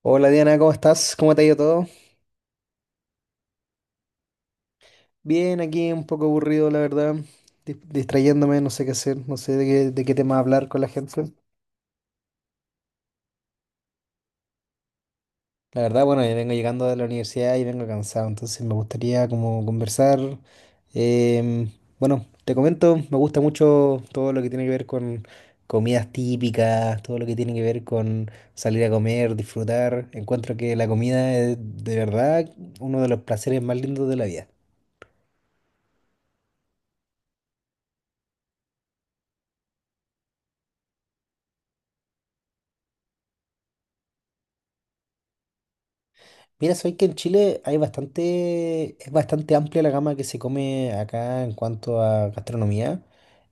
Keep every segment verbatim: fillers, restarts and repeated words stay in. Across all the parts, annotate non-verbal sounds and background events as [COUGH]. Hola Diana, ¿cómo estás? ¿Cómo te ha ido todo? Bien, aquí un poco aburrido, la verdad, dis- distrayéndome, no sé qué hacer, no sé de qué, de qué tema hablar con la gente. La verdad, bueno, yo vengo llegando de la universidad y vengo cansado, entonces me gustaría como conversar. em, bueno, te comento, me gusta mucho todo lo que tiene que ver con comidas típicas, todo lo que tiene que ver con salir a comer, disfrutar. Encuentro que la comida es de verdad uno de los placeres más lindos de la vida. Mira, sabéis que en Chile hay bastante, es bastante amplia la gama que se come acá en cuanto a gastronomía.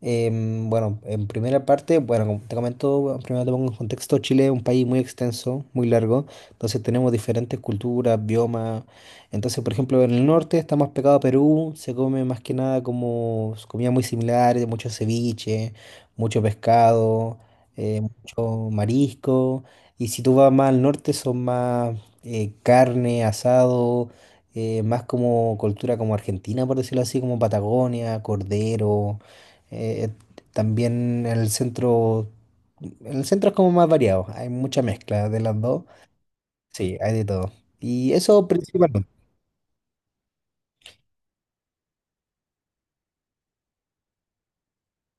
Em, bueno, en primera parte, bueno, como te comento, bueno, primero te pongo en contexto, Chile es un país muy extenso, muy largo, entonces tenemos diferentes culturas, biomas. Entonces, por ejemplo, en el norte está más pegado a Perú, se come más que nada como comida muy similar, mucho ceviche, mucho pescado, eh, mucho marisco. Y si tú vas más al norte, son más eh, carne, asado, eh, más como cultura como Argentina, por decirlo así, como Patagonia, Cordero. eh, eh, También en el centro, en el centro es como más variado, hay mucha mezcla de las dos. Sí, hay de todo. Y eso principalmente.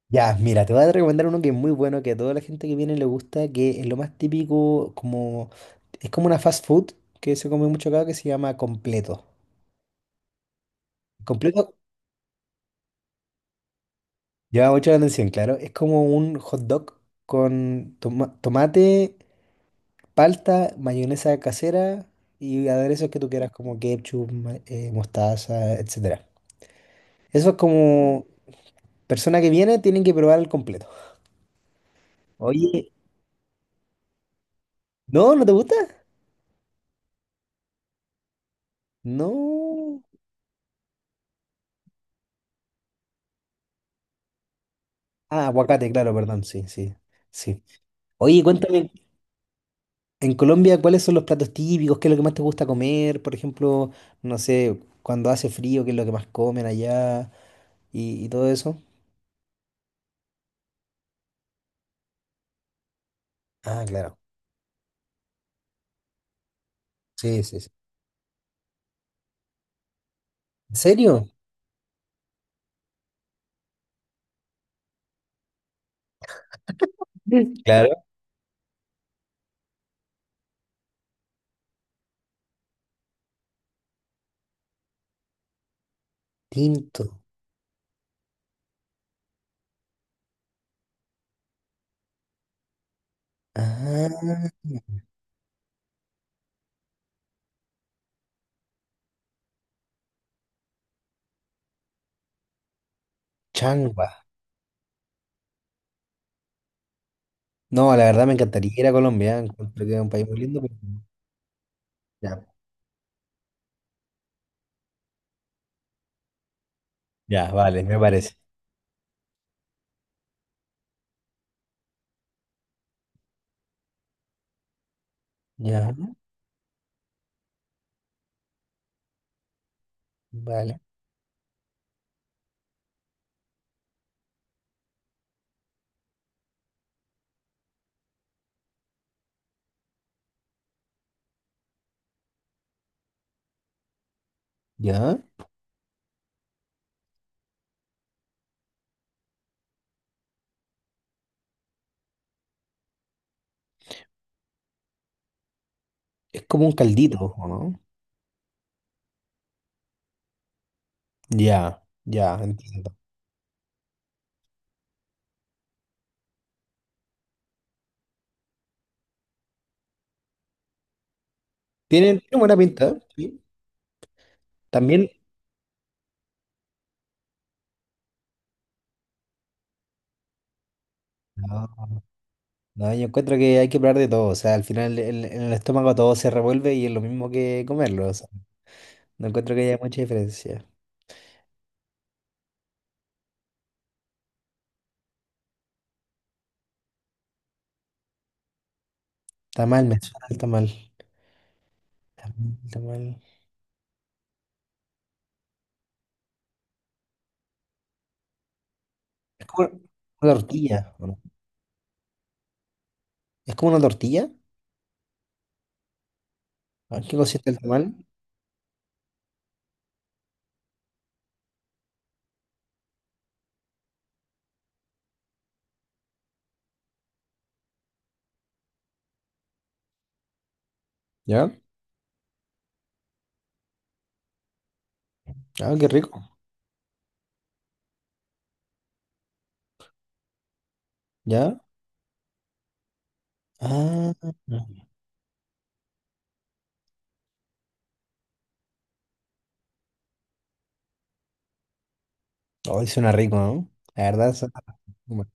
Ya, mira, te voy a recomendar uno que es muy bueno, que a toda la gente que viene le gusta, que es lo más típico, como es como una fast food que se come mucho acá, que se llama completo. Completo. Llama mucho la atención, claro. Es como un hot dog con toma- tomate, palta, mayonesa casera y aderezos que tú quieras, como ketchup, ma- eh, mostaza, etcétera. Eso es, Mm. como persona que viene tienen que probar el completo. Oye, ¿no? ¿No te gusta? No. Ah, aguacate, claro, perdón, sí, sí, sí. Oye, cuéntame, en Colombia, ¿cuáles son los platos típicos? ¿Qué es lo que más te gusta comer? Por ejemplo, no sé, cuando hace frío, ¿qué es lo que más comen allá? y y todo eso. Ah, claro. Sí, sí, sí. ¿En serio? Sí. Claro. Tinto. Ah, changua. No, la verdad me encantaría ir a Colombia. ¿Eh? Encuentro que es un país muy lindo, pero no. Ya. Ya, vale, me parece. Ya, vale. Ya. Es como un caldito, ¿o no? Ya, ya, entiendo. Tienen, tienen buena pinta, ¿eh? ¿Sí? También. No, no, yo encuentro que hay que probar de todo. O sea, al final el- en el estómago todo se revuelve y es lo mismo que comerlo. O sea, no encuentro que haya mucha diferencia. Está mal, me suena el tamal. Tamal, tamal. Es como una tortilla, ¿o no? ¿Es como una tortilla? ¿A qué consiste el tamal? ¿Ya? Ah, qué rico. ¿Ya? Ah, hoy suena rico, ¿no? La verdad, suena bueno,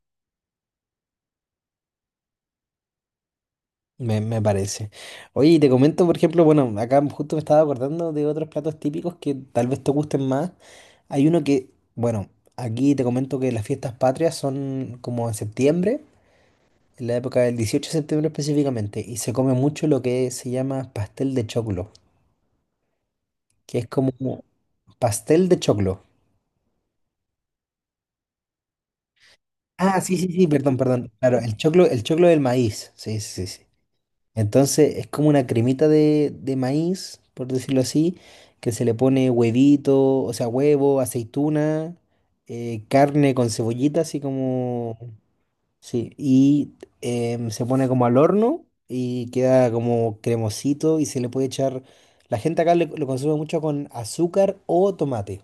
me, me parece. Oye, y te comento, por ejemplo, bueno, acá justo me estaba acordando de otros platos típicos que tal vez te gusten más. Hay uno que, bueno, aquí te comento que las fiestas patrias son como en septiembre, en la época del dieciocho de septiembre específicamente, y se come mucho lo que se llama pastel de choclo. Que es como un pastel de choclo. Ah, sí, sí, sí, perdón, perdón. Claro, el choclo, el choclo del maíz. Sí, sí, sí. Sí. Entonces es como una cremita de, de maíz, por decirlo así, que se le pone huevito, o sea, huevo, aceituna, eh, carne con cebollita, así como... Sí, y em, se pone como al horno y queda como cremosito y se le puede echar... La gente acá le- lo consume mucho con azúcar o tomate.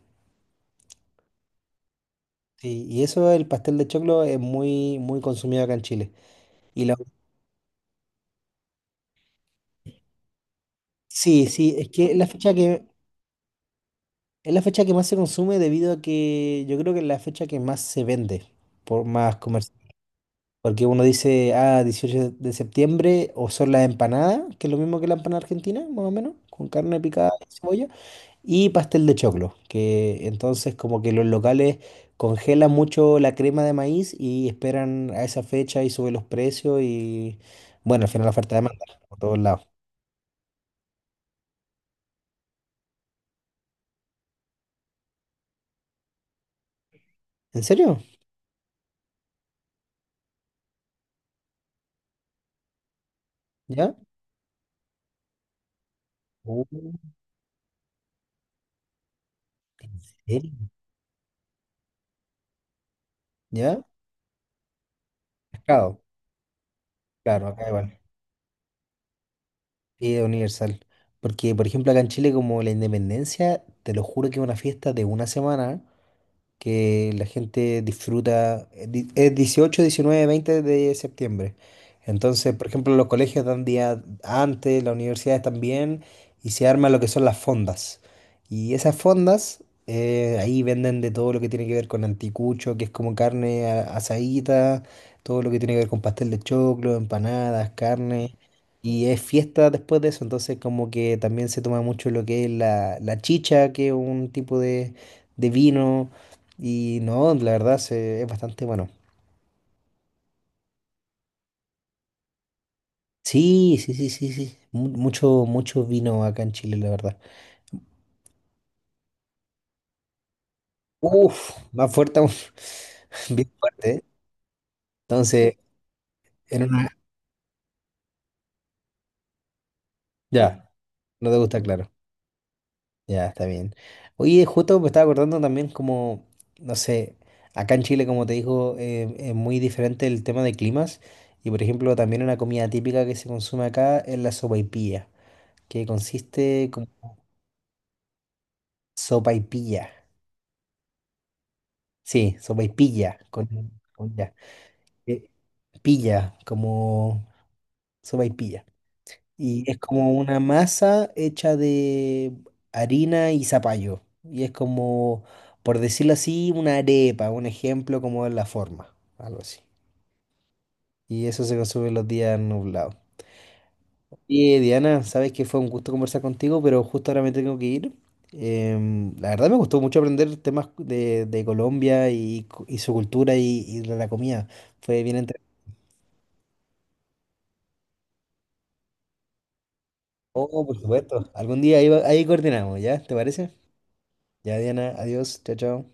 Sí, y eso, el pastel de choclo es muy, muy consumido acá en Chile. Y la, sí, sí, es que es la fecha que, es la fecha que más se consume debido a que yo creo que es la fecha que más se vende, por más comercio. Porque uno dice, ah, dieciocho de septiembre, o son las empanadas, que es lo mismo que la empanada argentina, más o menos, con carne picada y cebolla. Y pastel de choclo, que entonces como que los locales congelan mucho la crema de maíz y esperan a esa fecha y suben los precios y bueno, al final la oferta de demanda por todos lados. ¿En serio? ¿Ya? Uh, ¿En serio? ¿Ya? Pescado. Claro, acá igual. Y es universal. Porque, por ejemplo, acá en Chile como la independencia, te lo juro que es una fiesta de una semana que la gente disfruta, eh, di- es dieciocho diecinueve veinte de septiembre. Entonces, por ejemplo, los colegios dan día antes, las universidades también, y se arma lo que son las fondas. Y esas fondas, eh, ahí venden de todo lo que tiene que ver con anticucho, que es como carne a- asadita, todo lo que tiene que ver con pastel de choclo, empanadas, carne. Y es fiesta después de eso, entonces como que también se toma mucho lo que es la, la chicha, que es un tipo de, de vino y no, la verdad se- es bastante bueno. Sí, sí, sí, sí, sí. Mu- Mucho, mucho vino acá en Chile, la verdad. Uf, más fuerte aún. [LAUGHS] Bien fuerte, ¿eh? Entonces, en una... Ya, no te gusta, claro. Ya, está bien. Oye, justo me estaba acordando también como, no sé, acá en Chile, como te digo, eh, es muy diferente el tema de climas. Y, por ejemplo, también una comida típica que se consume acá es la sopaipilla, que consiste como sopaipilla. Sí, sopaipilla, con, con, ya. Eh, Pilla, como sopaipilla. Y es como una masa hecha de harina y zapallo. Y es como, por decirlo así, una arepa, un ejemplo como en la forma, algo así. Y eso se consume los días nublados. Y Diana, sabes que fue un gusto conversar contigo, pero justo ahora me tengo que ir. Em, la verdad me gustó mucho aprender temas de, de Colombia y, cu- y su cultura y, y de la comida. Fue bien entretenido. Oh, por supuesto. Algún día ahí, va- ahí coordinamos, ¿ya? ¿Te parece? Ya, Diana, adiós, chao, chao.